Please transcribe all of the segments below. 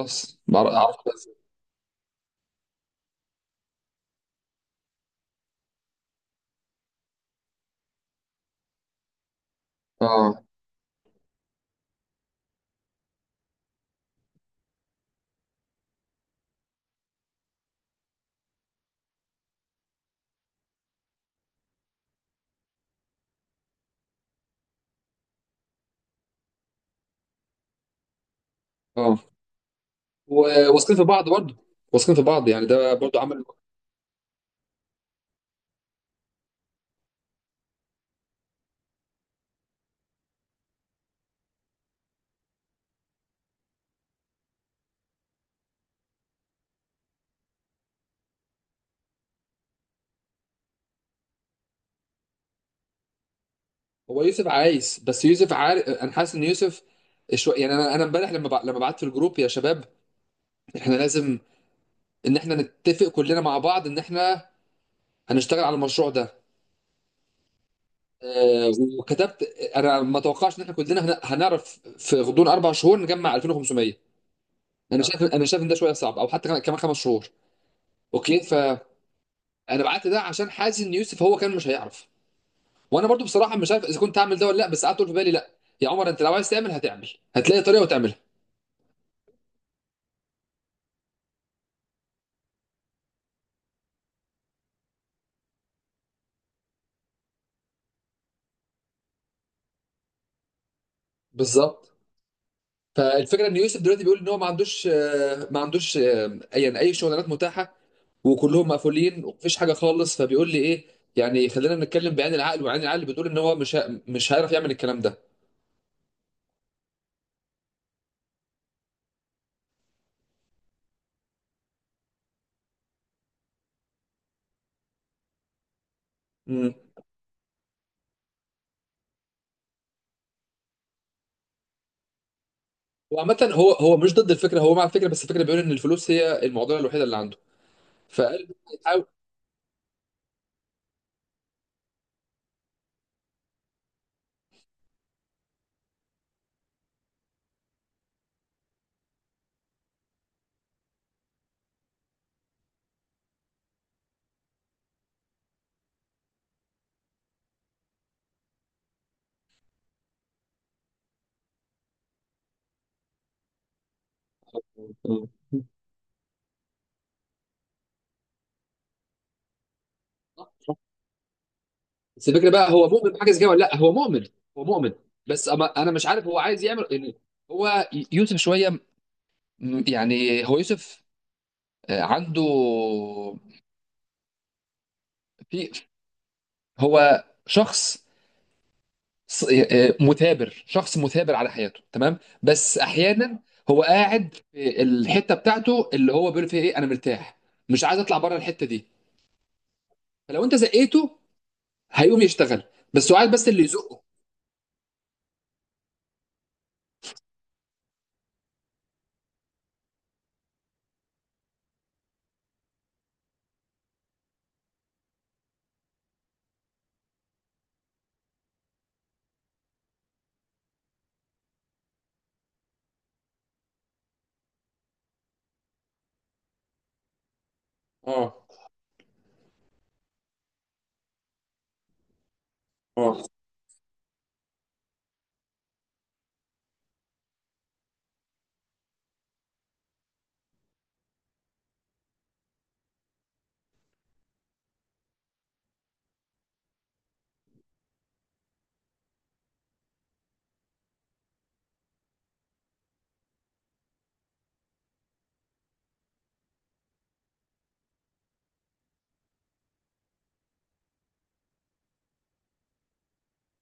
بس اعرف بس. اه، اه. واثقين في بعض برضه. واثقين في بعض، يعني ده برضه عمل. هو يوسف عايز، بس يوسف عارف، انا حاسس ان يوسف شويه، يعني انا امبارح لما بعت في الجروب: يا شباب احنا لازم ان احنا نتفق كلنا مع بعض ان احنا هنشتغل على المشروع ده. آه، وكتبت، انا ما توقعش ان احنا كلنا هنعرف في غضون اربع شهور نجمع 2,500. انا شايف ان ده شويه صعب، او حتى كمان خمس شهور. اوكي، فانا بعت ده عشان حاسس ان يوسف هو كان مش هيعرف. وانا برضو بصراحه مش عارف اذا كنت هعمل ده ولا لا، بس قعدت اقول في بالي: لا يا عمر، انت لو عايز تعمل هتعمل، هتلاقي طريقه وتعملها. بالظبط. فالفكره ان يوسف دلوقتي بيقول ان هو ما عندوش يعني اي شغلانات متاحه، وكلهم مقفولين ومفيش حاجه خالص. فبيقول لي ايه؟ يعني خلينا نتكلم بعين العقل، وعين العقل بتقول ان هو مش هيعرف يعمل الكلام ده. امم. وعامه هو، هو مش ضد الفكره، هو مع الفكره، بس الفكره بيقول ان الفلوس هي المعضله الوحيده اللي عنده. فقال هو هيحاول. مم. بس الفكره بقى، هو مؤمن بحاجه زي كده ولا لا؟ هو مؤمن. هو مؤمن، بس أما انا مش عارف هو عايز يعمل يعني. هو يوسف شويه، يعني هو يوسف عنده، في، هو شخص، مثابر، شخص مثابر على حياته، تمام، بس احيانا هو قاعد في الحته بتاعته اللي هو بيقول فيها ايه: انا مرتاح، مش عايز اطلع بره الحته دي. فلو انت زقيته هيقوم يشتغل، بس هو عايز بس اللي يزقه. اه، اه.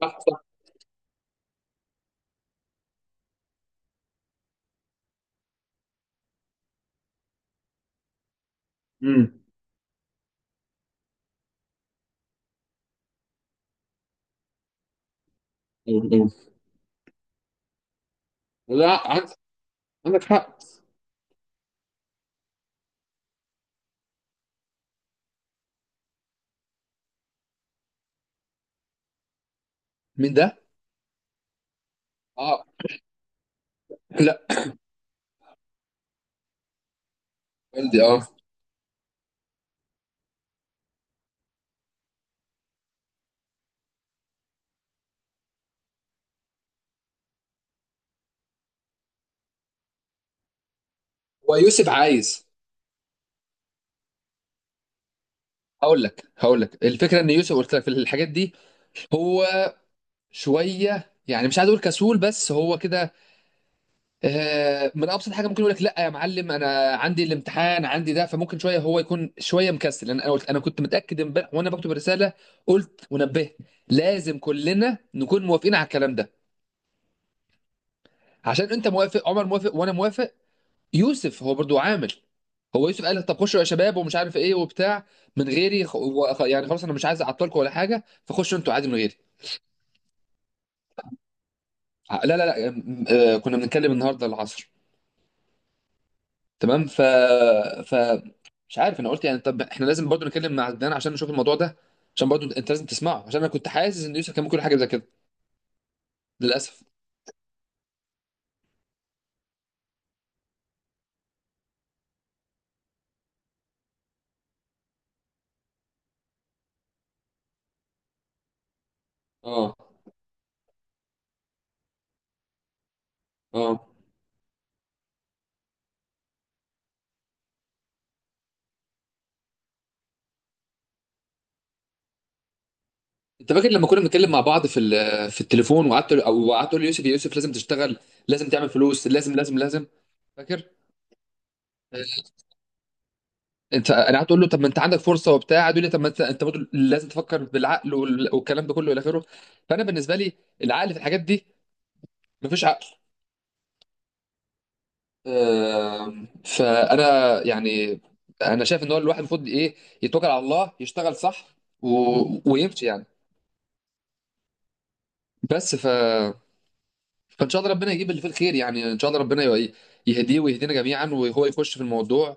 صح، صح. امم. لا، عندك حق. مين ده؟ اه. لا. والدي، اه. هو يوسف عايز. هقول لك الفكره ان يوسف، قلت لك في الحاجات دي، هو شويه، يعني مش عايز اقول كسول، بس هو كده. من ابسط حاجه ممكن يقول لك: لا يا معلم انا عندي الامتحان، عندي ده. فممكن شويه هو يكون شويه مكسل، لان انا قلت، انا كنت متاكد امبارح وانا بكتب الرساله، قلت ونبهت: لازم كلنا نكون موافقين على الكلام ده، عشان انت موافق، عمر موافق، وانا موافق. يوسف هو برضو عامل، هو يوسف قال: طب خشوا يا شباب، ومش عارف ايه وبتاع، من غيري، يعني خلاص انا مش عايز اعطلكم ولا حاجه، فخشوا انتوا عادي من غيري. لا، لا، لا، كنا بنتكلم النهارده العصر. تمام. ف ف مش عارف، انا قلت يعني طب احنا لازم برضو نتكلم مع عدنان عشان نشوف الموضوع ده، عشان برضو انت لازم تسمعه، عشان انا كنت حاسس ان يوسف كان ممكن يقول حاجه زي كده، للاسف. اه، اه. انت فاكر لما كنا بنتكلم مع بعض في في التليفون، وقعدت، او قعدت تقول لي: يوسف، يا يوسف، لازم تشتغل، لازم تعمل فلوس، لازم، لازم، لازم. فاكر؟ انت انا هتقول له طب ما انت عندك فرصه وبتاع، هتقول لي طب ما انت، انت برضه لازم تفكر بالعقل، والكلام ده كله الى اخره. فانا بالنسبه لي، العقل في الحاجات دي مفيش عقل. فانا يعني، انا شايف ان هو الواحد المفروض ايه: يتوكل على الله، يشتغل صح، و... ويمشي يعني. بس ف، فان شاء الله ربنا يجيب اللي فيه الخير، يعني ان شاء الله ربنا يهديه ويهدينا جميعا، وهو يخش في الموضوع،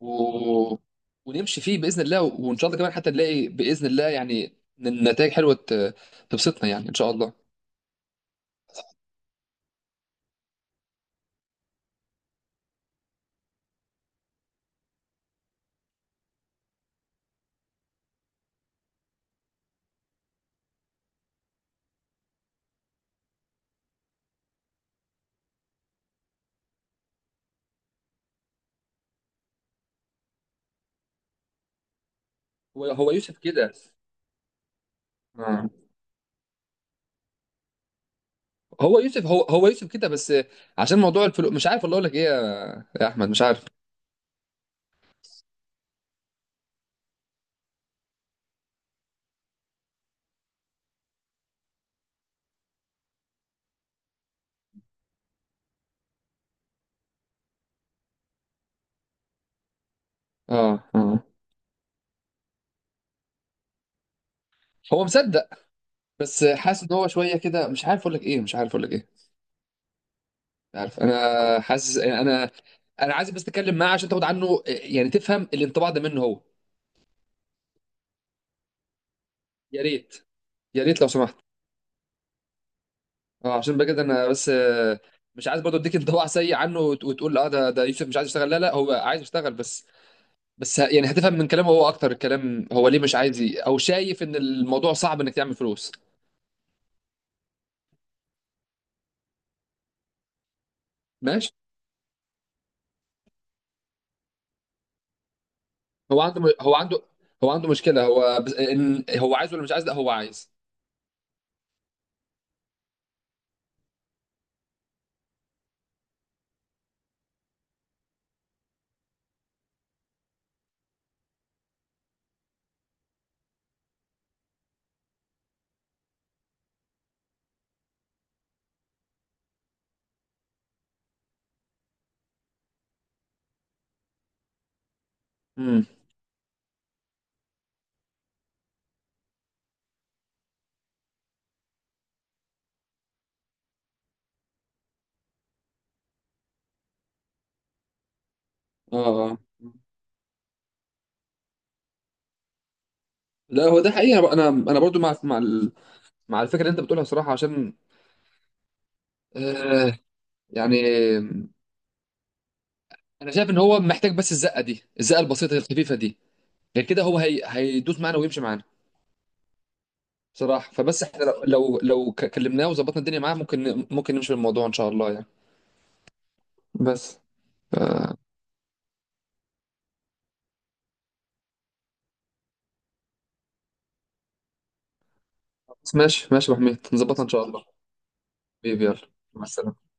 و... ونمشي فيه باذن الله، وان شاء الله كمان حتى نلاقي باذن الله يعني نتائج حلوه تبسطنا، يعني ان شاء الله. هو يوسف كده. آه. هو يوسف، هو يوسف كده، بس عشان موضوع الفلوس، مش عارف والله اقول لك ايه يا احمد، مش عارف. اه، اه. هو مصدق، بس حاسس ان هو شويه كده، مش عارف اقول لك ايه، مش عارف اقول لك ايه. مش عارف، انا حاسس، انا عايز بس اتكلم معاه عشان تاخد عنه يعني، تفهم الانطباع ده منه هو. يا ريت، يا ريت لو سمحت. اه، عشان بقى كده انا بس، مش عايز برضه اديك انطباع سيء عنه، وتقول: اه ده يوسف مش عايز يشتغل. لا، لا، هو عايز يشتغل، بس، بس يعني هتفهم من كلامه هو اكتر الكلام، هو ليه مش عايز او شايف ان الموضوع صعب انك تعمل فلوس. ماشي. هو عنده هو عنده مشكلة هو، بس ان هو عايز ولا مش عايز؟ لا، هو عايز. امم. اه، اه. لا، هو ده حقيقة، انا برضو مع، مع الفكرة اللي انت بتقولها، صراحة، عشان آه يعني، انا شايف ان هو محتاج بس الزقة دي، الزقة البسيطة الخفيفة دي، غير كده هو هيدوس معانا ويمشي معانا. بصراحه، فبس احنا كلمناه وظبطنا الدنيا معاه، ممكن نمشي بالموضوع ان شاء الله يعني. بس آه، ماشي. ماشي يا ابو حميد، نظبطها ان شاء الله. حبيبي يلا، مع السلامه.